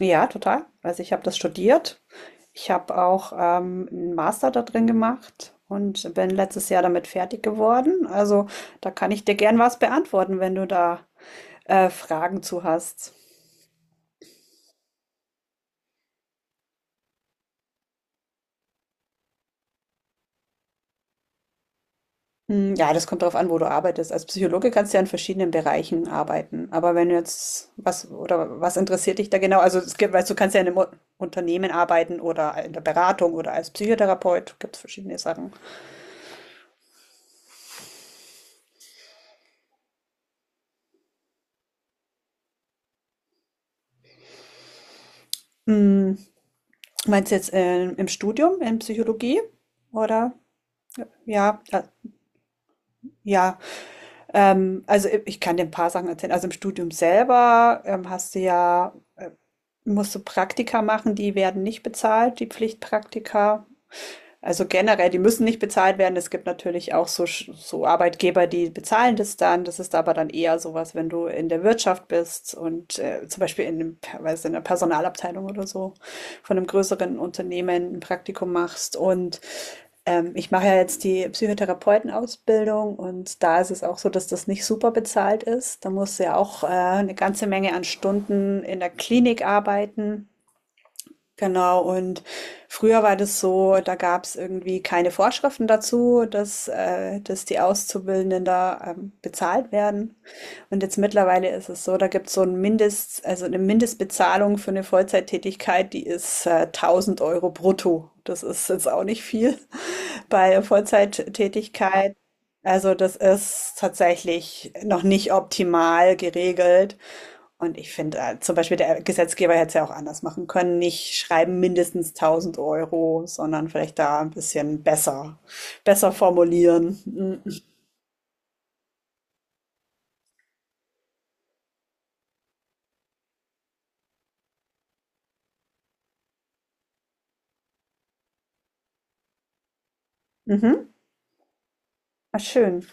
Ja, total. Also ich habe das studiert. Ich habe auch einen Master da drin gemacht und bin letztes Jahr damit fertig geworden. Also da kann ich dir gern was beantworten, wenn du da Fragen zu hast. Hm, ja, das kommt darauf an, wo du arbeitest. Als Psychologe kannst du ja in verschiedenen Bereichen arbeiten. Aber wenn du jetzt was oder was interessiert dich da genau? Also es gibt, weißt du, kannst ja in einem Unternehmen arbeiten oder in der Beratung oder als Psychotherapeut. Gibt es verschiedene Sachen. Hm, meinst du jetzt im Studium, in Psychologie? Oder? Ja, ja. Also ich kann dir ein paar Sachen erzählen. Also im Studium selber hast du ja, musst du Praktika machen, die werden nicht bezahlt, die Pflichtpraktika. Also generell, die müssen nicht bezahlt werden. Es gibt natürlich auch so, so Arbeitgeber, die bezahlen das dann. Das ist aber dann eher sowas, wenn du in der Wirtschaft bist und zum Beispiel in, dem, weiß, in der Personalabteilung oder so von einem größeren Unternehmen ein Praktikum machst. Und ich mache ja jetzt die Psychotherapeutenausbildung und da ist es auch so, dass das nicht super bezahlt ist. Da musst du ja auch eine ganze Menge an Stunden in der Klinik arbeiten. Genau, und früher war das so, da gab es irgendwie keine Vorschriften dazu, dass, dass die Auszubildenden da bezahlt werden. Und jetzt mittlerweile ist es so, da gibt es so ein also eine Mindestbezahlung für eine Vollzeittätigkeit, die ist 1000 Euro brutto. Das ist jetzt auch nicht viel bei Vollzeittätigkeit. Also das ist tatsächlich noch nicht optimal geregelt. Und ich finde, zum Beispiel der Gesetzgeber hätte es ja auch anders machen können. Nicht schreiben mindestens 1000 Euro, sondern vielleicht da ein bisschen besser formulieren. Mhm. Mhm. Ah, schön.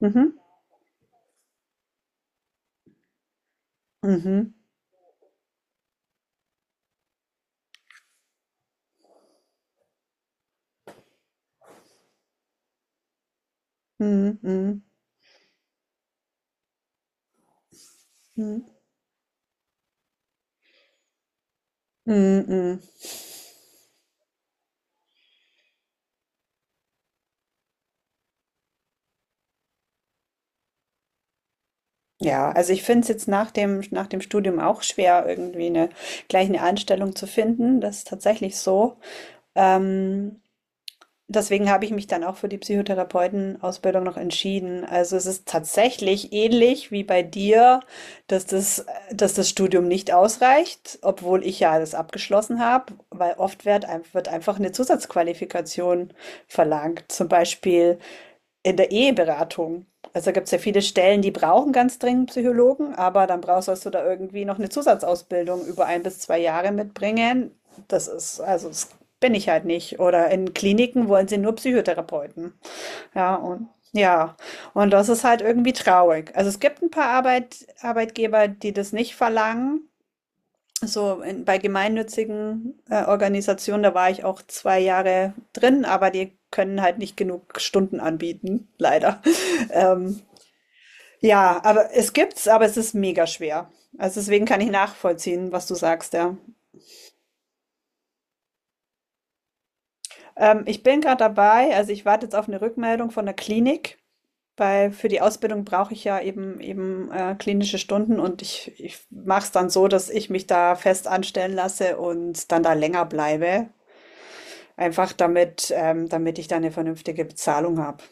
Mhm. Mhm. Mhm, mhm, mhm, mhm, mhm. Ja, also ich finde es jetzt nach nach dem Studium auch schwer, irgendwie gleich eine Anstellung zu finden. Das ist tatsächlich so. Ähm, deswegen habe ich mich dann auch für die Psychotherapeutenausbildung noch entschieden. Also es ist tatsächlich ähnlich wie bei dir, dass das Studium nicht ausreicht, obwohl ich ja das abgeschlossen habe, weil oft wird einfach eine Zusatzqualifikation verlangt. Zum Beispiel. In der Eheberatung. Also gibt es ja viele Stellen, die brauchen ganz dringend Psychologen, aber dann brauchst sollst du da irgendwie noch eine Zusatzausbildung über ein bis zwei Jahre mitbringen. Das ist, also das bin ich halt nicht. Oder in Kliniken wollen sie nur Psychotherapeuten. Ja, und ja, und das ist halt irgendwie traurig. Also es gibt ein paar Arbeitgeber, die das nicht verlangen. So, in, bei gemeinnützigen Organisationen, da war ich auch zwei Jahre drin, aber die können halt nicht genug Stunden anbieten, leider. Ähm, ja, aber es gibt's, aber es ist mega schwer. Also deswegen kann ich nachvollziehen, was du sagst, ja. Ich bin gerade dabei, also ich warte jetzt auf eine Rückmeldung von der Klinik, weil für die Ausbildung brauche ich ja eben klinische Stunden und ich mache es dann so, dass ich mich da fest anstellen lasse und dann da länger bleibe. Einfach damit damit ich da eine vernünftige Bezahlung habe.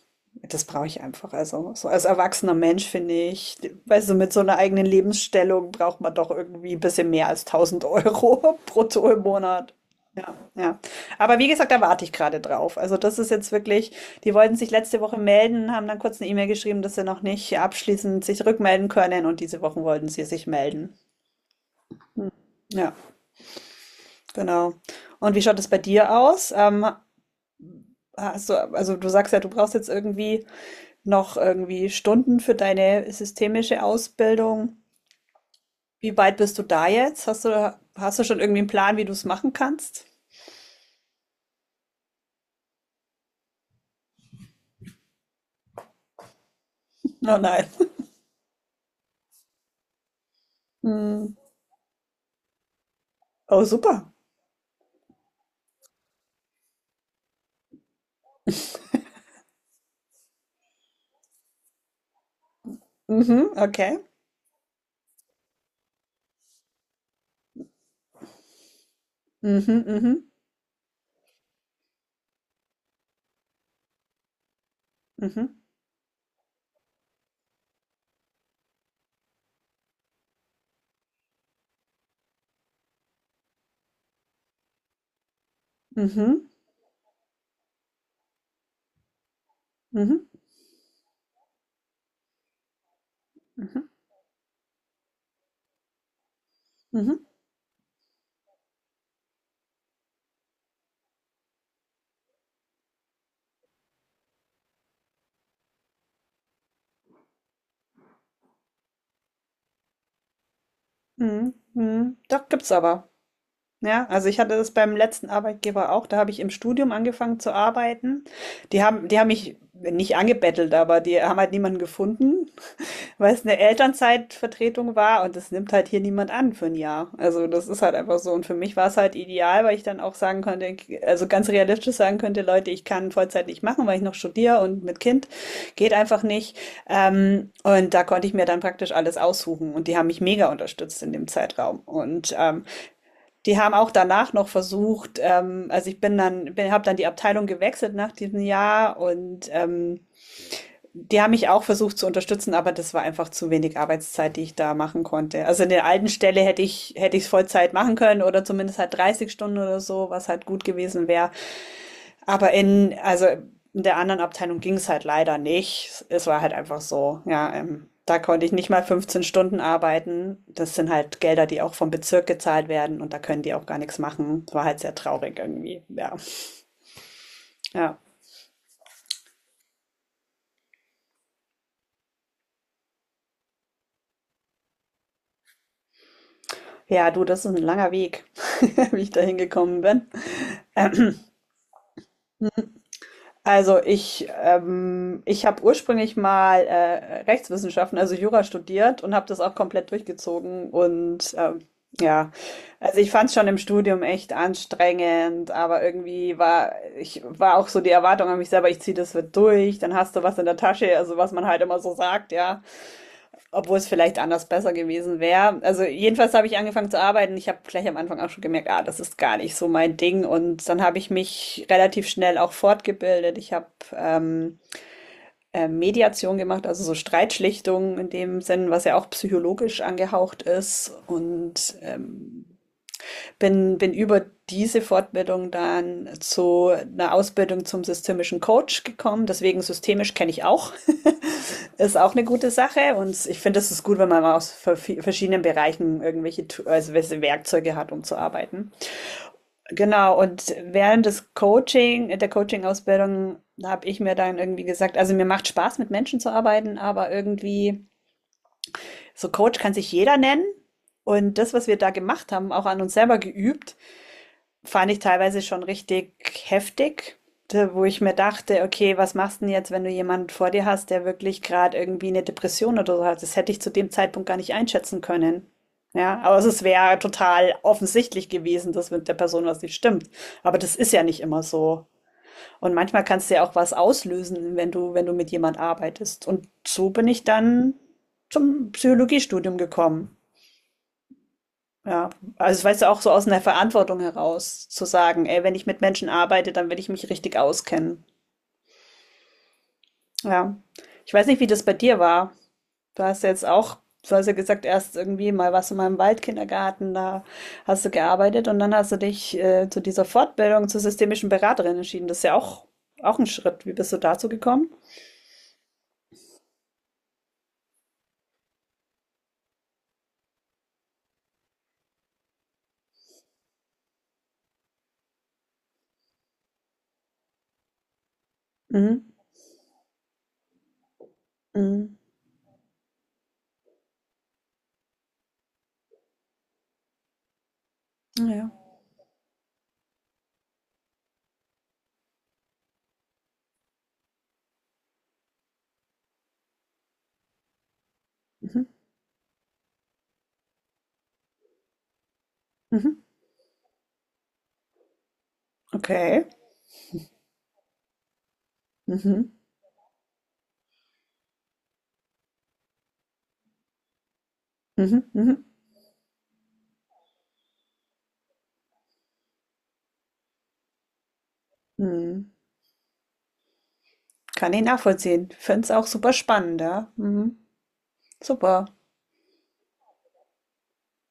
Das brauche ich einfach. Also, so als erwachsener Mensch finde ich d weißt du, mit so einer eigenen Lebensstellung braucht man doch irgendwie 'n bisschen mehr als tausend Euro brutto im Monat. Ja, ja. Aber wie gesagt, da warte ich gerade drauf. Also, das ist jetzt wirklich die wollten sich letzte Woche melden, haben dann kurz eine E-Mail geschrieben, dass sie noch nicht abschließend sich rückmelden können und diese Woche wollten sie sich melden. Ja, genau. Und wie schaut es bei dir aus? Ähm, hast du, also du sagst ja, du brauchst jetzt irgendwie noch irgendwie Stunden für deine systemische Ausbildung. Wie weit bist du da jetzt? Hast du schon irgendwie einen Plan, wie du es machen kannst? Oh nein. Hm. Oh, super. Mhm, okay. Mhm, mhm, mhm, mhm, mhm, mhm, mhm, mhm. Doch, gibt's aber. Ja, also ich hatte das beim letzten Arbeitgeber auch, da habe ich im Studium angefangen zu arbeiten. Die die haben mich nicht angebettelt, aber die haben halt niemanden gefunden, weil es eine Elternzeitvertretung war und das nimmt halt hier niemand an für ein Jahr. Also, das ist halt einfach so und für mich war es halt ideal, weil ich dann auch sagen konnte also, ganz realistisch sagen könnte: „Leute, ich kann Vollzeit nicht machen, weil ich noch studiere und mit Kind geht einfach nicht.“ und da konnte ich mir dann praktisch alles aussuchen und die haben mich mega unterstützt in dem Zeitraum. Und, die haben auch danach noch versucht, also, ich bin dann bin habe dann die Abteilung gewechselt nach diesem Jahr und, die haben mich auch versucht zu unterstützen, aber das war einfach zu wenig Arbeitszeit, die ich da machen konnte. Also in der alten Stelle hätte ich es Vollzeit machen können oder zumindest halt 30 Stunden oder so, was halt gut gewesen wäre. Aber in also in der anderen Abteilung ging es halt leider nicht. Es war halt einfach so, ja, da konnte ich nicht mal 15 Stunden arbeiten. Das sind halt Gelder, die auch vom Bezirk gezahlt werden und da können die auch gar nichts machen. Das war halt sehr traurig irgendwie. Ja, ja. Ja, du, das ist ein langer Weg, wie ich da hingekommen bin. Äh, Also ich habe ursprünglich mal Rechtswissenschaften, also Jura studiert und habe das auch komplett durchgezogen. Und ja, also ich fand es schon im Studium echt anstrengend, aber irgendwie ich war auch so die Erwartung an mich selber, ich ziehe das wird durch, dann hast du was in der Tasche, also was man halt immer so sagt, ja. Obwohl es vielleicht anders besser gewesen wäre. Also jedenfalls habe ich angefangen zu arbeiten. Ich habe gleich am Anfang auch schon gemerkt, ah, das ist gar nicht so mein Ding. Und dann habe ich mich relativ schnell auch fortgebildet. Ich habe ähm, Mediation gemacht, also so Streitschlichtung in dem Sinn, was ja auch psychologisch angehaucht ist. Und bin über diese Fortbildung dann zu einer Ausbildung zum systemischen Coach gekommen. Deswegen systemisch kenne ich auch. Ist auch eine gute Sache und ich finde, es ist gut, wenn man mal aus verschiedenen Bereichen also welche Werkzeuge hat, um zu arbeiten. Genau, und während der Coaching-Ausbildung habe ich mir dann irgendwie gesagt, also mir macht Spaß, mit Menschen zu arbeiten, aber irgendwie, so Coach kann sich jeder nennen. Und das, was wir da gemacht haben, auch an uns selber geübt, fand ich teilweise schon richtig heftig, da- wo ich mir dachte, okay, was machst du denn jetzt, wenn du jemanden vor dir hast, der wirklich gerade irgendwie eine Depression oder so hat? Das hätte ich zu dem Zeitpunkt gar nicht einschätzen können. Ja, aber es wäre total offensichtlich gewesen, dass mit der Person was nicht stimmt. Aber das ist ja nicht immer so. Und manchmal kannst du ja auch was auslösen, wenn du, wenn du mit jemand arbeitest. Und so bin ich dann zum Psychologiestudium gekommen. Ja, also weißt du, auch so aus einer Verantwortung heraus zu sagen, ey, wenn ich mit Menschen arbeite, dann will ich mich richtig auskennen. Ja. Ich weiß nicht, wie das bei dir war. Du hast ja jetzt auch, du hast ja gesagt, erst irgendwie mal warst du mal im Waldkindergarten, da hast du gearbeitet und dann hast du dich zu dieser Fortbildung zur systemischen Beraterin entschieden. Das ist ja auch, auch ein Schritt. Wie bist du dazu gekommen? Mhm. Mhm. Ja. Mhm. Mhm. Okay. Mhm. Mhm. Mhm. Mhm. Kann ich nachvollziehen. Finde es auch super spannend, ja. Mhm. Super.